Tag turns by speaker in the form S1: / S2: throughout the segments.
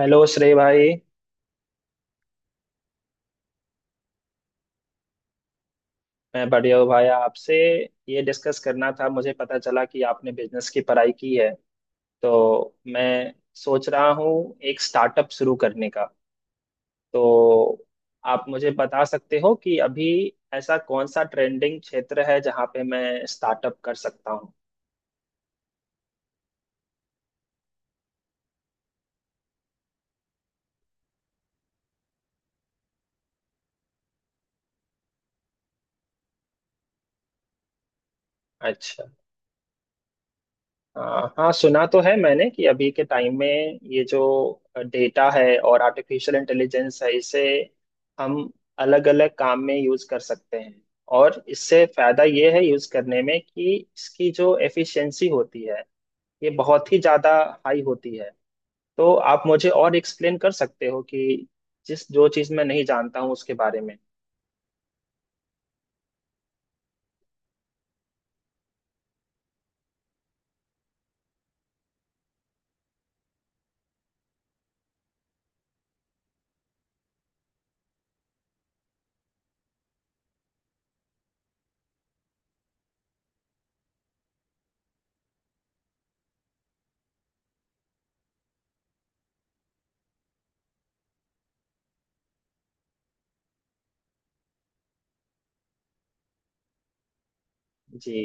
S1: Hello Shrey भाई। मैं बढ़िया हूँ भाई। आपसे ये डिस्कस करना था। मुझे पता चला कि आपने बिजनेस की पढ़ाई की है, तो मैं सोच रहा हूँ एक स्टार्टअप शुरू करने का। तो आप मुझे बता सकते हो कि अभी ऐसा कौन सा ट्रेंडिंग क्षेत्र है जहाँ पे मैं स्टार्टअप कर सकता हूँ। अच्छा। हाँ, सुना तो है मैंने कि अभी के टाइम में ये जो डेटा है और आर्टिफिशियल इंटेलिजेंस है, इसे हम अलग अलग काम में यूज कर सकते हैं। और इससे फायदा ये है यूज करने में कि इसकी जो एफिशिएंसी होती है ये बहुत ही ज्यादा हाई होती है। तो आप मुझे और एक्सप्लेन कर सकते हो कि जिस जो चीज मैं नहीं जानता हूँ उसके बारे में। जी।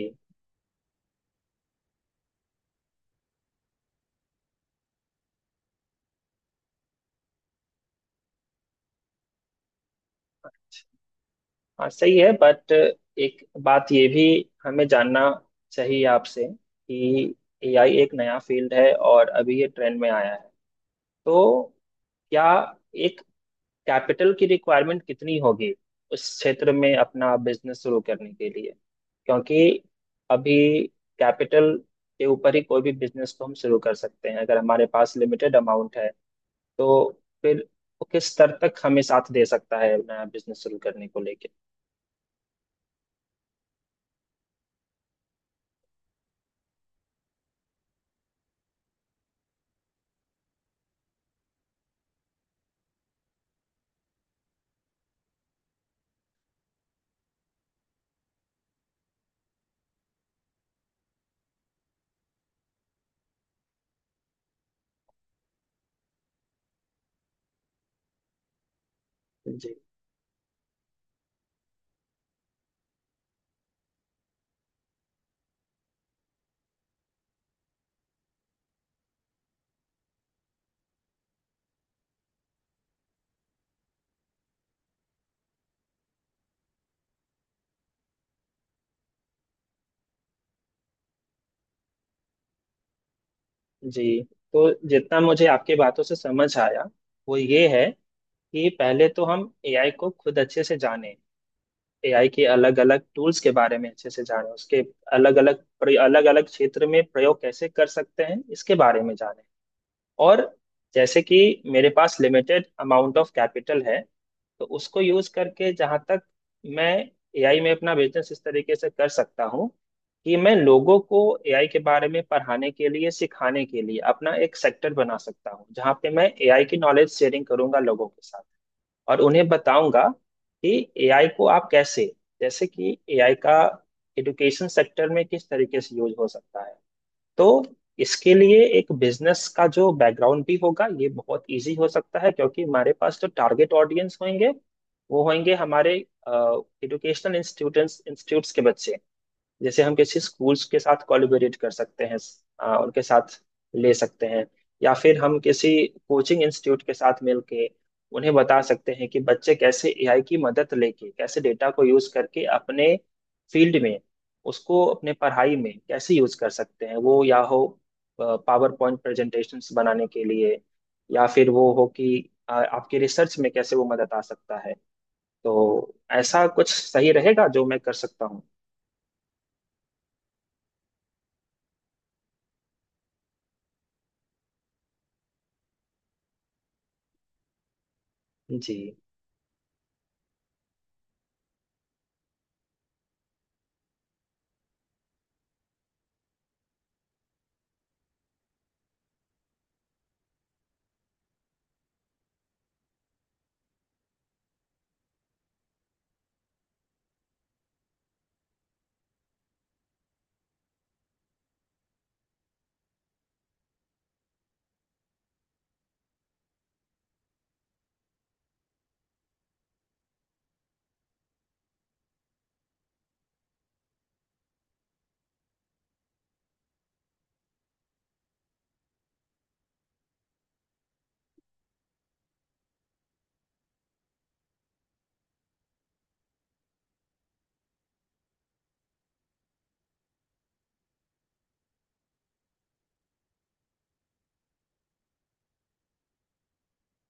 S1: हाँ सही है, बट एक बात ये भी हमें जानना चाहिए आपसे कि एआई एक नया फील्ड है और अभी ये ट्रेंड में आया है। तो क्या एक कैपिटल की रिक्वायरमेंट कितनी होगी उस क्षेत्र में अपना बिजनेस शुरू करने के लिए, क्योंकि अभी कैपिटल के ऊपर ही कोई भी बिजनेस को हम शुरू कर सकते हैं। अगर हमारे पास लिमिटेड अमाउंट है तो फिर वो किस स्तर तक हमें साथ दे सकता है नया बिजनेस शुरू करने को लेके। जी जी। तो जितना मुझे आपकी बातों से समझ आया वो ये है कि पहले तो हम एआई को खुद अच्छे से जाने, एआई के अलग अलग टूल्स के बारे में अच्छे से जाने, उसके अलग अलग अलग अलग क्षेत्र में प्रयोग कैसे कर सकते हैं इसके बारे में जाने। और जैसे कि मेरे पास लिमिटेड अमाउंट ऑफ कैपिटल है, तो उसको यूज करके जहां तक मैं एआई में अपना बिजनेस इस तरीके से कर सकता हूँ कि मैं लोगों को एआई के बारे में पढ़ाने के लिए, सिखाने के लिए अपना एक सेक्टर बना सकता हूँ जहाँ पे मैं एआई की नॉलेज शेयरिंग करूंगा लोगों के साथ और उन्हें बताऊंगा कि एआई को आप कैसे, जैसे कि एआई का एजुकेशन सेक्टर में किस तरीके से यूज हो सकता है। तो इसके लिए एक बिजनेस का जो बैकग्राउंड भी होगा ये बहुत इजी हो सकता है, क्योंकि हमारे पास जो टारगेट ऑडियंस होंगे वो होंगे हमारे एजुकेशनल इंस्टीट्यूट्स के बच्चे। जैसे हम किसी स्कूल्स के साथ कोलैबोरेट कर सकते हैं, उनके साथ ले सकते हैं, या फिर हम किसी कोचिंग इंस्टीट्यूट के साथ मिलके उन्हें बता सकते हैं कि बच्चे कैसे एआई की मदद लेके, कैसे डेटा को यूज करके अपने फील्ड में, उसको अपने पढ़ाई में कैसे यूज कर सकते हैं, वो या हो पावर पॉइंट प्रेजेंटेशंस बनाने के लिए, या फिर वो हो कि आपके रिसर्च में कैसे वो मदद आ सकता है। तो ऐसा कुछ सही रहेगा जो मैं कर सकता हूँ। जी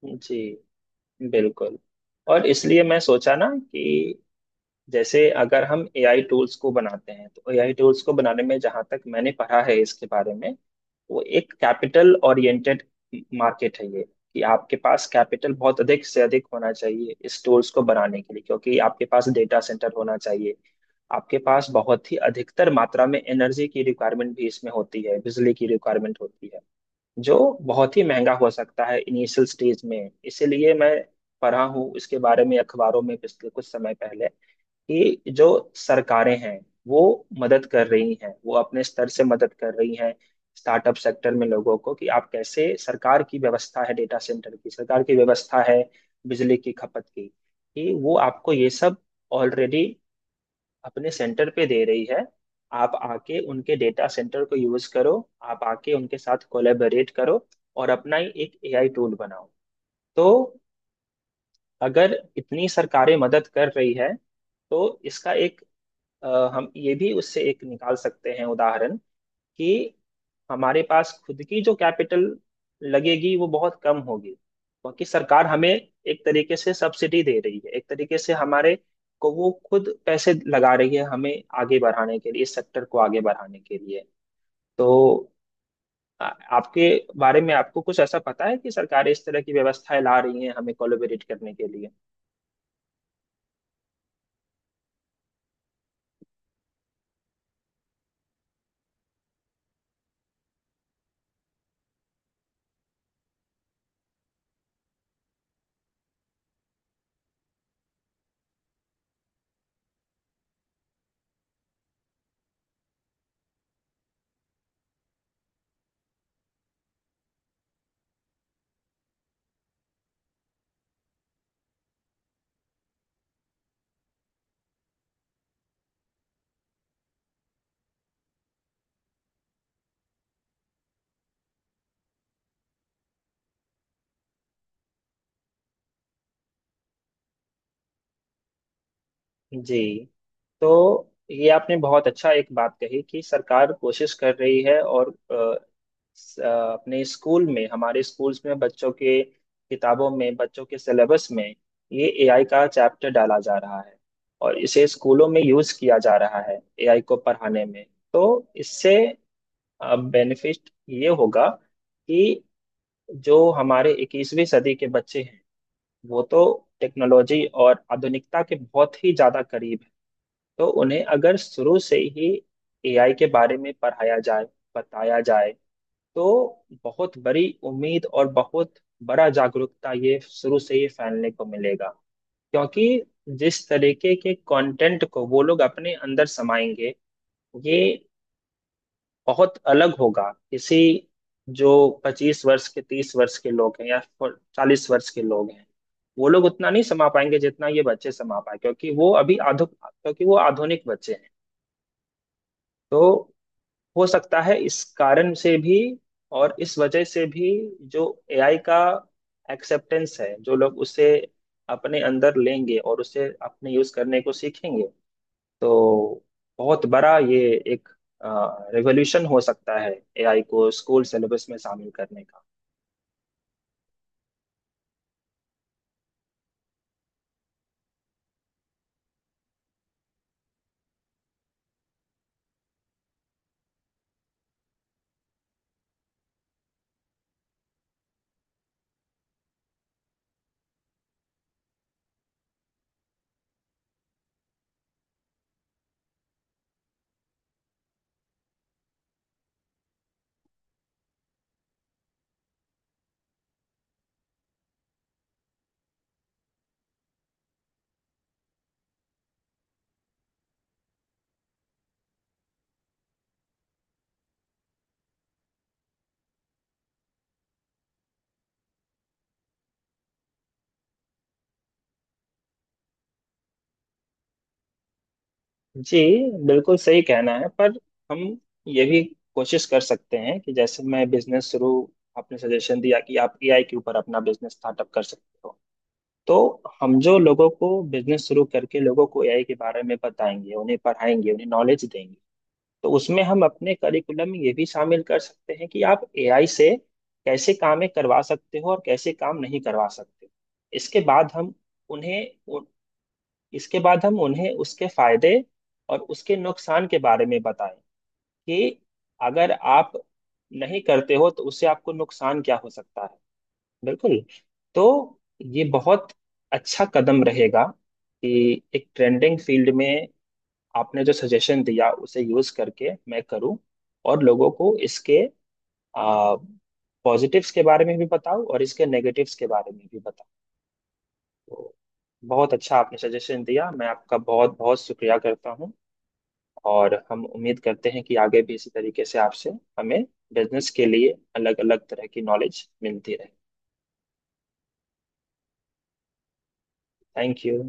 S1: जी बिल्कुल। और इसलिए मैं सोचा ना कि जैसे अगर हम एआई टूल्स को बनाते हैं तो एआई टूल्स को बनाने में, जहां तक मैंने पढ़ा है इसके बारे में, वो एक कैपिटल ओरिएंटेड मार्केट है ये, कि आपके पास कैपिटल बहुत अधिक से अधिक होना चाहिए इस टूल्स को बनाने के लिए, क्योंकि आपके पास डेटा सेंटर होना चाहिए, आपके पास बहुत ही अधिकतर मात्रा में एनर्जी की रिक्वायरमेंट भी इसमें होती है, बिजली की रिक्वायरमेंट होती है जो बहुत ही महंगा हो सकता है इनिशियल स्टेज में। इसीलिए मैं पढ़ा हूँ इसके बारे में अखबारों में पिछले कुछ समय पहले कि जो सरकारें हैं वो मदद कर रही हैं, वो अपने स्तर से मदद कर रही हैं स्टार्टअप सेक्टर में लोगों को, कि आप कैसे, सरकार की व्यवस्था है डेटा सेंटर की, सरकार की व्यवस्था है बिजली की खपत की, कि वो आपको ये सब ऑलरेडी अपने सेंटर पे दे रही है। आप आके उनके डेटा सेंटर को यूज करो, आप आके उनके साथ कोलेबरेट करो और अपना ही एक एआई टूल बनाओ। तो अगर इतनी सरकारें मदद कर रही है तो इसका एक अ, हम ये भी उससे एक निकाल सकते हैं उदाहरण, कि हमारे पास खुद की जो कैपिटल लगेगी वो बहुत कम होगी क्योंकि सरकार हमें एक तरीके से सब्सिडी दे रही है, एक तरीके से हमारे को वो खुद पैसे लगा रही है, हमें आगे बढ़ाने के लिए, इस सेक्टर को आगे बढ़ाने के लिए। तो आ- आपके बारे में, आपको कुछ ऐसा पता है कि सरकारें इस तरह की व्यवस्थाएं ला रही हैं हमें कोलैबोरेट करने के लिए? जी। तो ये आपने बहुत अच्छा एक बात कही कि सरकार कोशिश कर रही है और स- अ, अपने स्कूल में, हमारे स्कूल्स में बच्चों के किताबों में, बच्चों के सिलेबस में ये एआई का चैप्टर डाला जा रहा है और इसे स्कूलों में यूज किया जा रहा है एआई को पढ़ाने में। तो इससे बेनिफिट ये होगा कि जो हमारे 21वीं सदी के बच्चे हैं, वो तो टेक्नोलॉजी और आधुनिकता के बहुत ही ज्यादा करीब। तो उन्हें अगर शुरू से ही एआई के बारे में पढ़ाया जाए, बताया जाए, तो बहुत बड़ी उम्मीद और बहुत बड़ा जागरूकता ये शुरू से ही फैलने को मिलेगा, क्योंकि जिस तरीके के कंटेंट को वो लोग अपने अंदर समाएंगे ये बहुत अलग होगा। किसी जो 25 वर्ष के, 30 वर्ष के लोग हैं या 40 वर्ष के लोग हैं, वो लोग उतना नहीं समा पाएंगे जितना ये बच्चे समा पाए, क्योंकि वो अभी आधु क्योंकि वो आधुनिक बच्चे हैं। तो हो सकता है इस कारण से भी, और इस वजह से भी जो एआई का एक्सेप्टेंस है, जो लोग उसे अपने अंदर लेंगे और उसे अपने यूज करने को सीखेंगे, तो बहुत बड़ा ये एक रेवोल्यूशन हो सकता है एआई को स्कूल सिलेबस में शामिल करने का। जी बिल्कुल सही कहना है, पर हम ये भी कोशिश कर सकते हैं कि जैसे मैं बिजनेस शुरू आपने सजेशन दिया कि आप एआई के ऊपर अपना बिजनेस स्टार्टअप कर सकते हो। तो हम जो लोगों को बिजनेस शुरू करके लोगों को एआई के बारे में बताएंगे, उन्हें पढ़ाएंगे, उन्हें नॉलेज देंगे, तो उसमें हम अपने करिकुलम में ये भी शामिल कर सकते हैं कि आप एआई से कैसे कामें करवा सकते हो और कैसे काम नहीं करवा सकते। इसके बाद हम उन्हें उ- उन्हें उसके फायदे और उसके नुकसान के बारे में बताएं, कि अगर आप नहीं करते हो तो उससे आपको नुकसान क्या हो सकता है। बिल्कुल। तो ये बहुत अच्छा कदम रहेगा, कि एक ट्रेंडिंग फील्ड में आपने जो सजेशन दिया उसे यूज करके मैं करूं, और लोगों को इसके आ, पॉजिटिव्स के बारे में भी बताऊं और इसके नेगेटिव्स के बारे में भी बताऊं। तो बहुत अच्छा आपने सजेशन दिया, मैं आपका बहुत बहुत शुक्रिया करता हूं। और हम उम्मीद करते हैं कि आगे भी इसी तरीके से आपसे हमें बिजनेस के लिए अलग अलग तरह की नॉलेज मिलती रहे। Thank you.